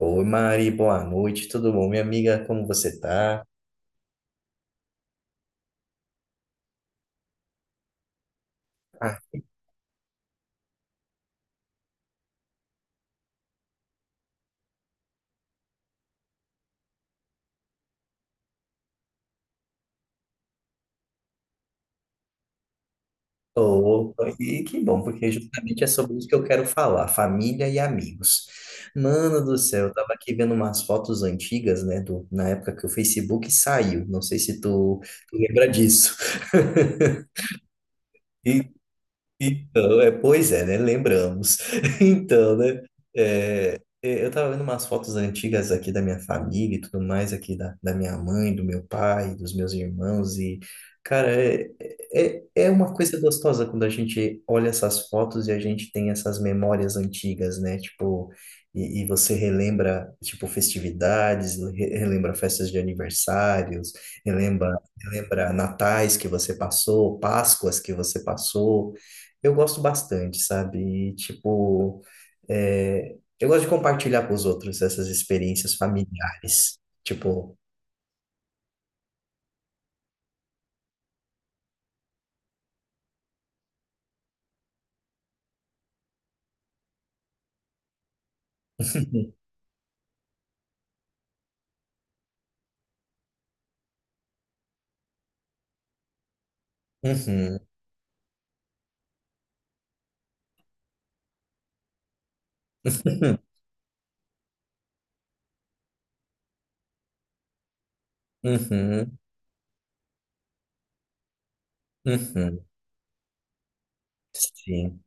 Oi, Mari, boa noite, tudo bom, minha amiga? Como você tá? Ah, tô, e que bom, porque justamente é sobre isso que eu quero falar, família e amigos. Mano do céu, eu tava aqui vendo umas fotos antigas, né, na época que o Facebook saiu, não sei se tu lembra disso. E, Então, pois é, né? Lembramos. Então, né? Eu tava vendo umas fotos antigas aqui da minha família e tudo mais, aqui da minha mãe, do meu pai, dos meus irmãos, cara, é, é uma coisa gostosa quando a gente olha essas fotos e a gente tem essas memórias antigas, né? Tipo, e você relembra, tipo, festividades, relembra festas de aniversários, relembra, relembra natais que você passou, Páscoas que você passou, eu gosto bastante, sabe? E, tipo, é, eu gosto de compartilhar com os outros essas experiências familiares. Tipo, uhum, uhum, uhum, uhum. Sim.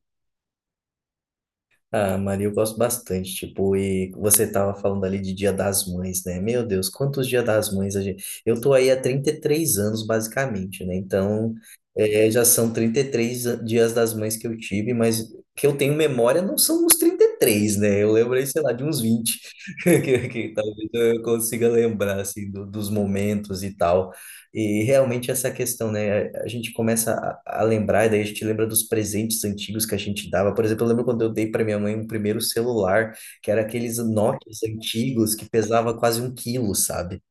Ah, Maria, eu gosto bastante, tipo, e você tava falando ali de Dia das Mães, né? Meu Deus, quantos Dia das Mães a gente... Eu tô aí há 33 anos, basicamente, né? Então, é, já são 33 Dias das Mães que eu tive, mas que eu tenho memória não são os 33, né? Eu lembro aí, sei lá, de uns 20 que talvez eu consiga lembrar, assim, dos momentos e tal. E realmente essa questão, né? A gente começa a lembrar, e daí a gente lembra dos presentes antigos que a gente dava. Por exemplo, eu lembro quando eu dei para minha mãe um primeiro celular, que era aqueles Nokias antigos que pesava quase um quilo, sabe?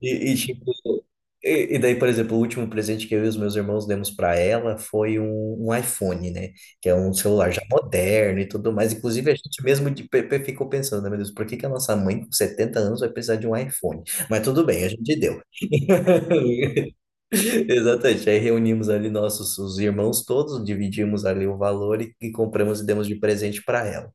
E, e, tipo, e daí, por exemplo, o último presente que eu e os meus irmãos demos para ela foi um iPhone, né? Que é um celular já moderno e tudo mais. Inclusive, a gente mesmo ficou pensando, né, meu Deus, por que que a nossa mãe com 70 anos vai precisar de um iPhone? Mas tudo bem, a gente deu. Exatamente. Aí reunimos ali nossos os irmãos todos, dividimos ali o valor e compramos e demos de presente para ela.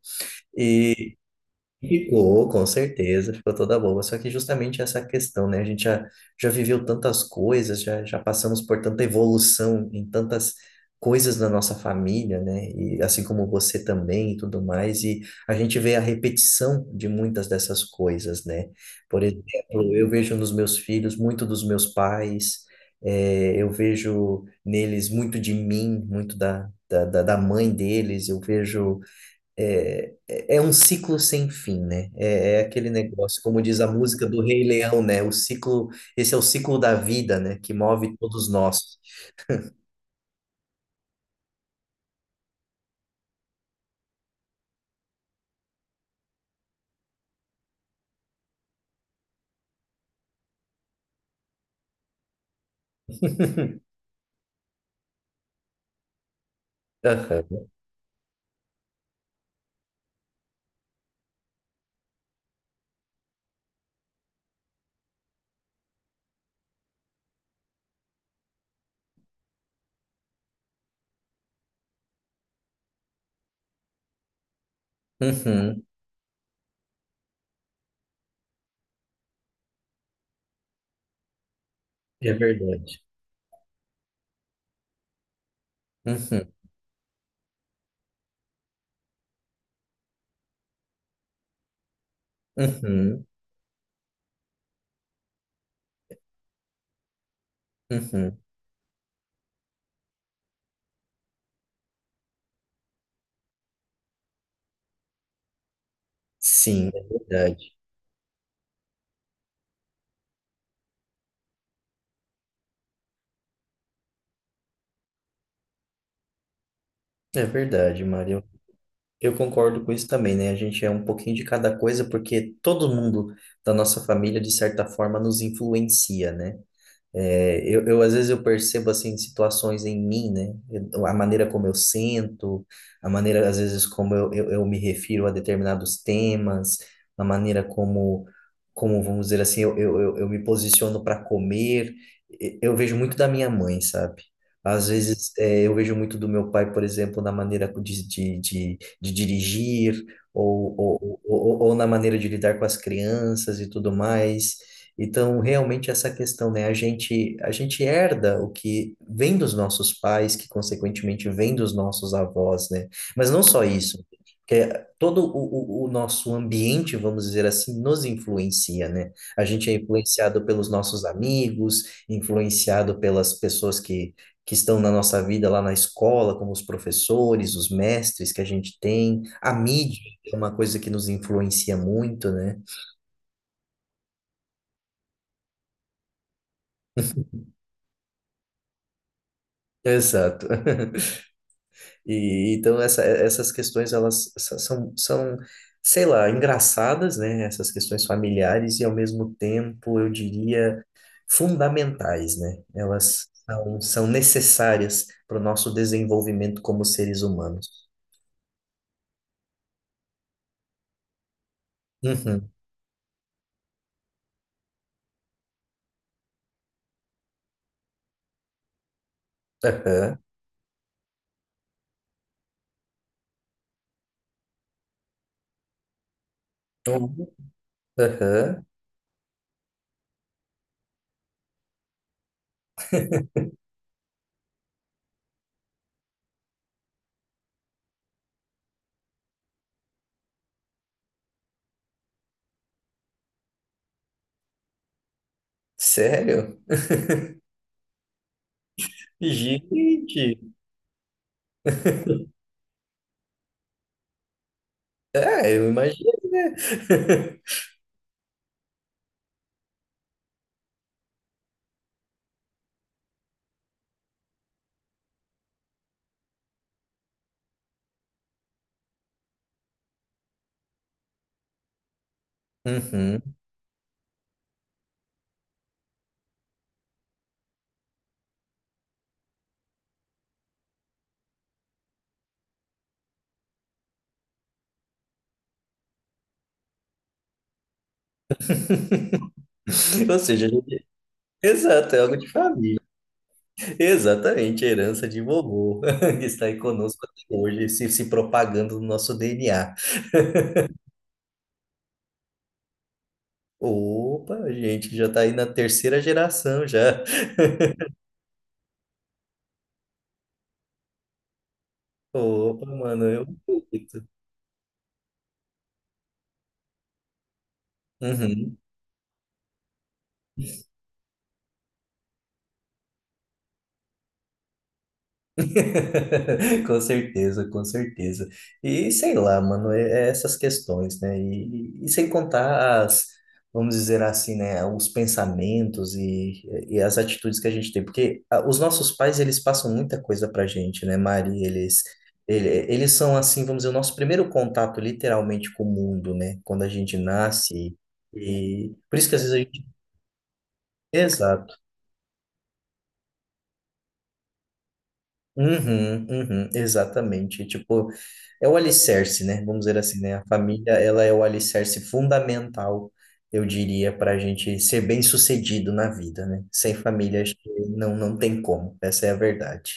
Ficou, com certeza, ficou toda boa. Só que justamente essa questão, né? Já viveu tantas coisas, já passamos por tanta evolução em tantas coisas da nossa família, né? E assim como você também e tudo mais. E a gente vê a repetição de muitas dessas coisas, né? Por exemplo, eu vejo nos meus filhos muito dos meus pais, eu vejo neles muito de mim, muito da mãe deles, eu vejo. É um ciclo sem fim, né? É aquele negócio, como diz a música do Rei Leão, né? O ciclo, esse é o ciclo da vida, né? Que move todos nós. Aham. Uhum. É verdade. Uhum. Uhum. Uhum. Sim, é verdade. É verdade, Mário. Eu concordo com isso também, né? A gente é um pouquinho de cada coisa, porque todo mundo da nossa família, de certa forma, nos influencia, né? Às vezes eu percebo assim situações em mim, né? Eu- a maneira como eu sinto, a maneira às vezes como eu me refiro a determinados temas, a maneira como vamos dizer assim, eu eu me posiciono para comer. E- Eu vejo muito da minha mãe, sabe? Eu vejo muito do meu pai, por exemplo, na maneira de dirigir ou na maneira de lidar com as crianças e tudo mais. Então, realmente essa questão, né? A gente herda o que vem dos nossos pais, que consequentemente vem dos nossos avós, né? Mas não só isso, que todo o nosso ambiente, vamos dizer assim, nos influencia, né? A gente é influenciado pelos nossos amigos, influenciado pelas pessoas que estão na nossa vida lá na escola, como os professores, os mestres que a gente tem, a mídia é uma coisa que nos influencia muito, né? Exato. E então essas questões são, são, sei lá, engraçadas, né? Essas questões familiares e ao mesmo tempo, eu diria, fundamentais, né? Elas são, são necessárias para o nosso desenvolvimento como seres humanos. Uhum. Aham. Uhum. Aham. Sério? Gente. É, eu imagino, né? Uhum. Ou seja, a gente- exato, é algo de família. Exatamente, a herança de vovô, que está aí conosco até hoje, se propagando no nosso DNA. Opa, a gente, já está aí na terceira geração já. Opa, mano, eu. Uhum. Com certeza, com certeza. E sei lá, mano, é essas questões, né? E sem contar vamos dizer assim, né, os pensamentos e as atitudes que a gente tem, porque ah, os nossos pais, eles passam muita coisa pra gente, né, Mari? Eles são assim, vamos dizer, o nosso primeiro contato literalmente com o mundo, né? Quando a gente nasce e por isso que às vezes a gente... exato Uhum, uhum, exatamente. Tipo, é o alicerce, né? Vamos dizer assim, né? A família, ela é o alicerce fundamental, eu diria, para a gente ser bem-sucedido na vida, né? Sem família, acho que não tem como. Essa é a verdade.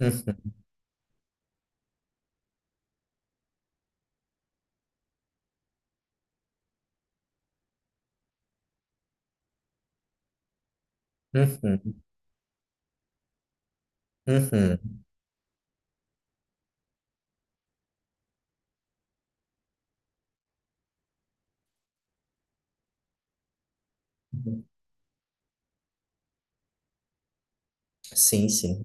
Uhum, uhum, uhum. Sim, sim.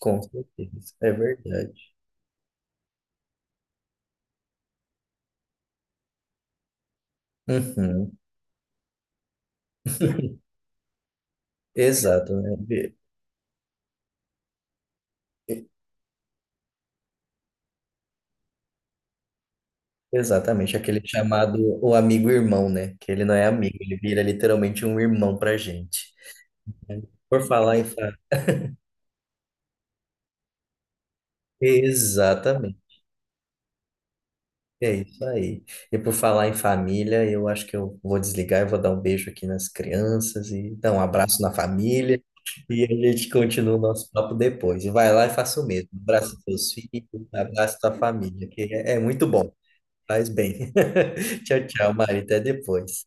Com certeza. É verdade. Uhum, exato, né? E- Exatamente, aquele chamado o amigo-irmão, né? Que ele não é amigo, ele vira literalmente um irmão pra gente. Por falar em família. Exatamente. É isso aí. E por falar em família, eu acho que eu vou desligar e vou dar um beijo aqui nas crianças e dar um abraço na família. E a gente continua o nosso papo depois. E vai lá e faça o mesmo. Abraça seus filhos, abraça sua família, que é muito bom. Faz bem. Tchau, tchau, Mari. Até depois.